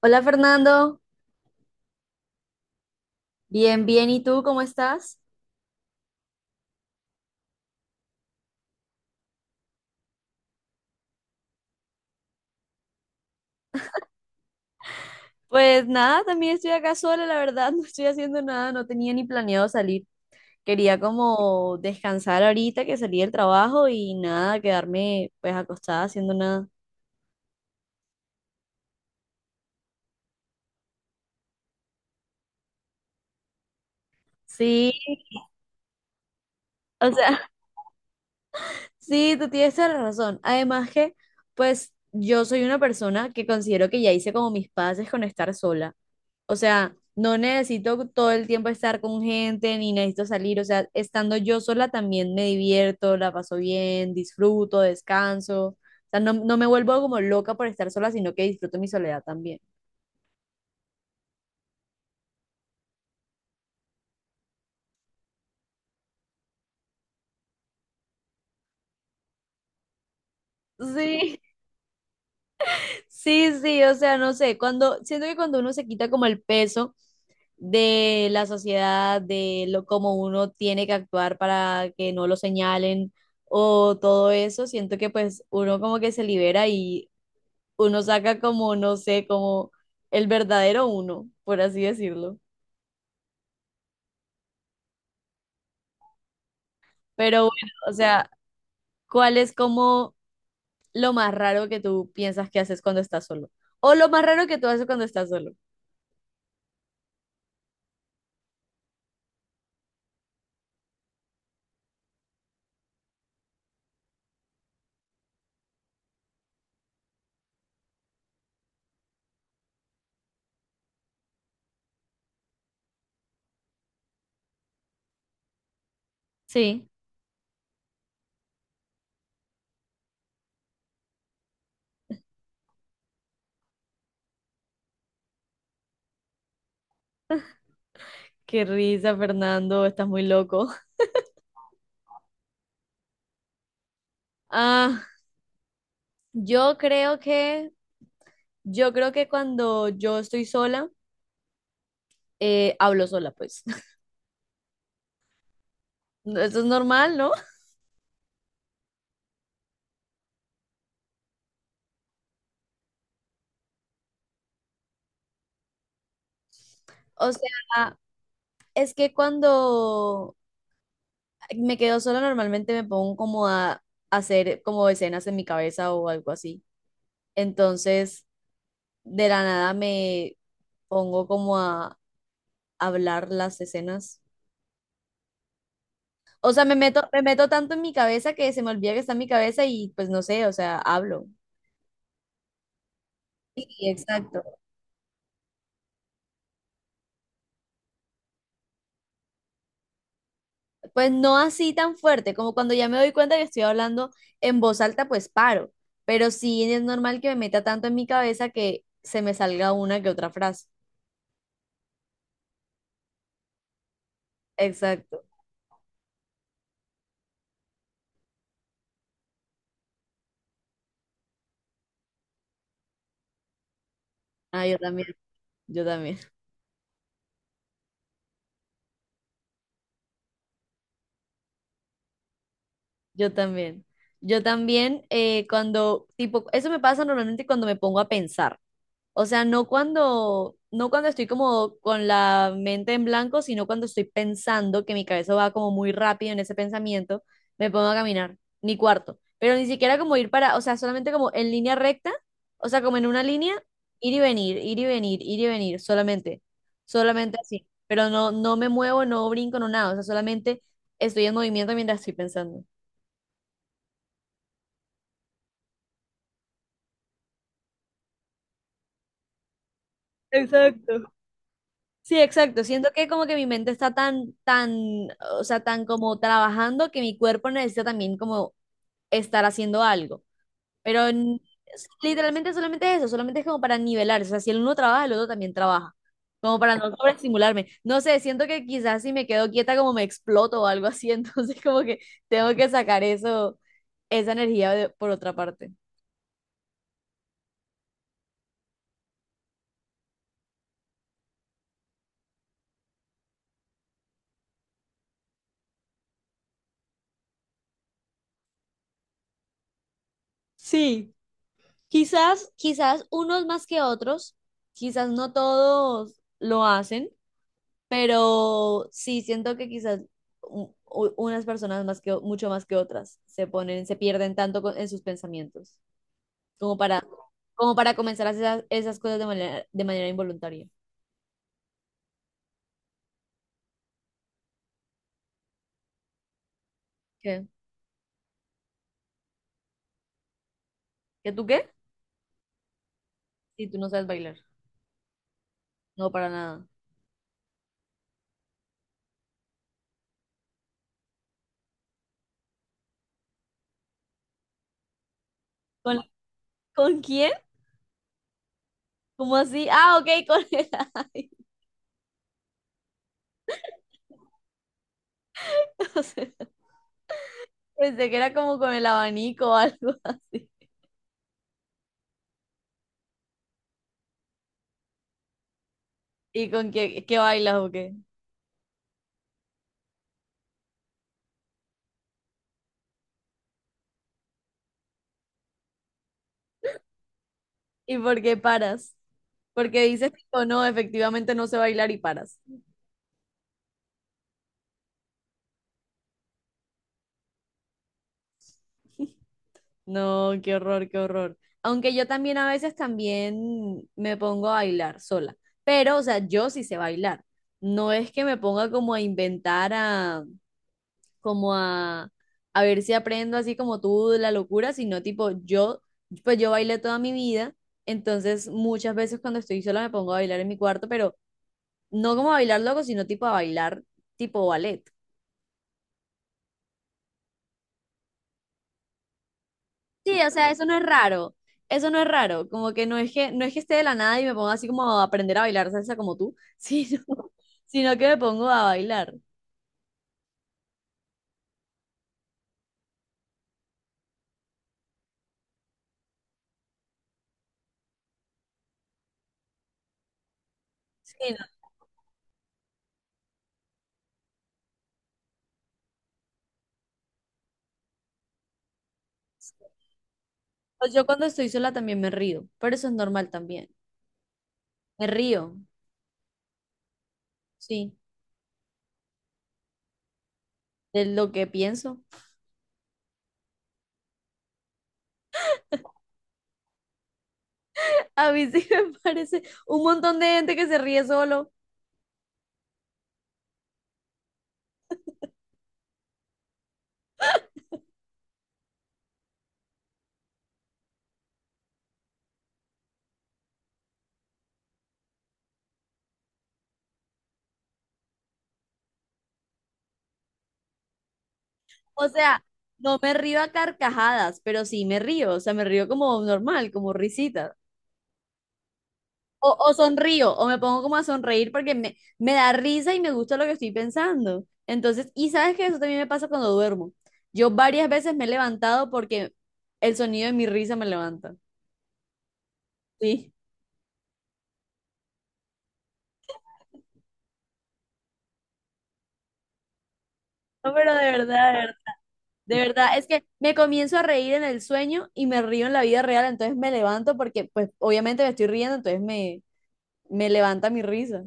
Hola Fernando, bien, bien, ¿y tú cómo estás? Pues nada, también estoy acá sola, la verdad, no estoy haciendo nada, no tenía ni planeado salir. Quería como descansar ahorita que salí del trabajo y nada, quedarme pues acostada haciendo nada. Sí, o sea, sí, tú tienes toda la razón. Además que pues yo soy una persona que considero que ya hice como mis paces con estar sola. O sea, no necesito todo el tiempo estar con gente, ni necesito salir. O sea, estando yo sola también me divierto, la paso bien, disfruto, descanso. O sea, no, no me vuelvo como loca por estar sola, sino que disfruto mi soledad también. Sí, sí, o sea, no sé, cuando, siento que cuando uno se quita como el peso de la sociedad, de lo como uno tiene que actuar para que no lo señalen o todo eso, siento que pues uno como que se libera y uno saca como, no sé, como el verdadero uno, por así decirlo. Pero bueno, o sea, ¿cuál es como lo más raro que tú piensas que haces cuando estás solo? O lo más raro que tú haces cuando estás solo. Sí. Qué risa, Fernando, estás muy loco. Ah, yo creo que, yo creo que cuando yo estoy sola, hablo sola, pues. Eso es normal, ¿no? O sea, es que cuando me quedo sola, normalmente me pongo como a hacer como escenas en mi cabeza o algo así. Entonces, de la nada me pongo como a hablar las escenas. O sea, me meto tanto en mi cabeza que se me olvida que está en mi cabeza y pues no sé, o sea, hablo. Sí, exacto. Pues no así tan fuerte, como cuando ya me doy cuenta que estoy hablando en voz alta, pues paro. Pero sí es normal que me meta tanto en mi cabeza que se me salga una que otra frase. Exacto. Ah, yo también. Yo también. Yo también, cuando, tipo, eso me pasa normalmente cuando me pongo a pensar. O sea, no cuando estoy como con la mente en blanco, sino cuando estoy pensando que mi cabeza va como muy rápido en ese pensamiento, me pongo a caminar, mi cuarto. Pero ni siquiera como ir para, o sea, solamente como en línea recta, o sea, como en una línea, ir y venir, ir y venir, ir y venir, solamente así. Pero no, no me muevo, no brinco, no nada, o sea, solamente estoy en movimiento mientras estoy pensando. Exacto. Sí, exacto. Siento que como que mi mente está tan, o sea, tan como trabajando que mi cuerpo necesita también como estar haciendo algo. Pero literalmente solamente es eso, solamente es como para nivelar. O sea, si el uno trabaja, el otro también trabaja. Como para no sobreestimularme. No sé, siento que quizás si me quedo quieta como me exploto o algo así. Entonces como que tengo que sacar eso, esa energía de- por otra parte. Sí. Quizás, quizás unos más que otros, quizás no todos lo hacen, pero sí siento que quizás unas personas más que, o- mucho más que otras se ponen, se pierden tanto en sus pensamientos, como para, como para comenzar a hacer esas, esas cosas de manera involuntaria. ¿Qué? ¿Que tú qué? Si tú no sabes bailar. No, para nada. ¿Con, con quién? ¿Cómo así? Ah, ok, con el... ay, o sea, pensé que era como con el abanico o algo así. ¿Y con qué, qué bailas o qué? ¿Y por qué paras? Porque dices, tipo, no, efectivamente no sé bailar y paras. No, qué horror, qué horror. Aunque yo también a veces también me pongo a bailar sola. Pero, o sea, yo sí sé bailar. No es que me ponga como a inventar, a, como a ver si aprendo así como tú de la locura, sino tipo, yo, pues yo bailé toda mi vida. Entonces, muchas veces cuando estoy sola me pongo a bailar en mi cuarto, pero no como a bailar loco, sino tipo a bailar tipo ballet. Sí, o sea, eso no es raro. Eso no es raro. Como que no es que esté de la nada y me ponga así como a aprender a bailar salsa como tú, sino, sino que me pongo a bailar. Sí, no. Pues yo cuando estoy sola también me río, pero eso es normal también. Me río, sí, de lo que pienso. A mí sí me parece un montón de gente que se ríe solo. O sea, no me río a carcajadas, pero sí me río. O sea, me río como normal, como risitas. O sonrío, o me pongo como a sonreír porque me da risa y me gusta lo que estoy pensando. Entonces, y sabes que eso también me pasa cuando duermo. Yo varias veces me he levantado porque el sonido de mi risa me levanta. Sí. No, pero de verdad, es que me comienzo a reír en el sueño y me río en la vida real, entonces me levanto porque pues obviamente me estoy riendo, entonces me levanta mi risa.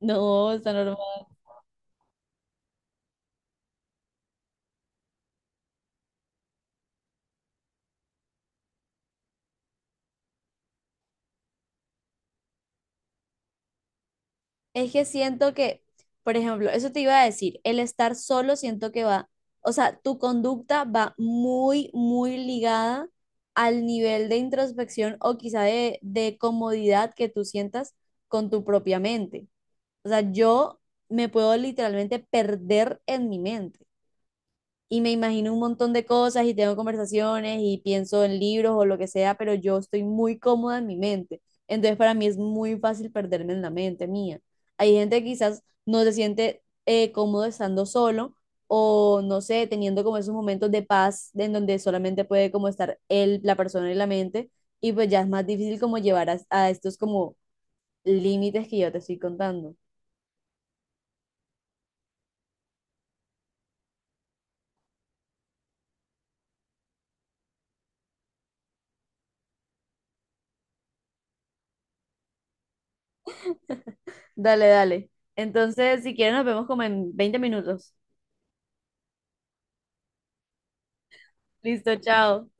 No, está normal. Es que siento que, por ejemplo, eso te iba a decir, el estar solo siento que va, o sea, tu conducta va muy ligada al nivel de introspección o quizá de comodidad que tú sientas con tu propia mente. O sea, yo me puedo literalmente perder en mi mente y me imagino un montón de cosas y tengo conversaciones y pienso en libros o lo que sea, pero yo estoy muy cómoda en mi mente. Entonces para mí es muy fácil perderme en la mente mía. Hay gente que quizás no se siente cómodo estando solo o no sé, teniendo como esos momentos de paz en donde solamente puede como estar él, la persona y la mente y pues ya es más difícil como llevar a estos como límites que yo te estoy contando. Dale, dale. Entonces, si quieren, nos vemos como en 20 minutos. Listo, chao.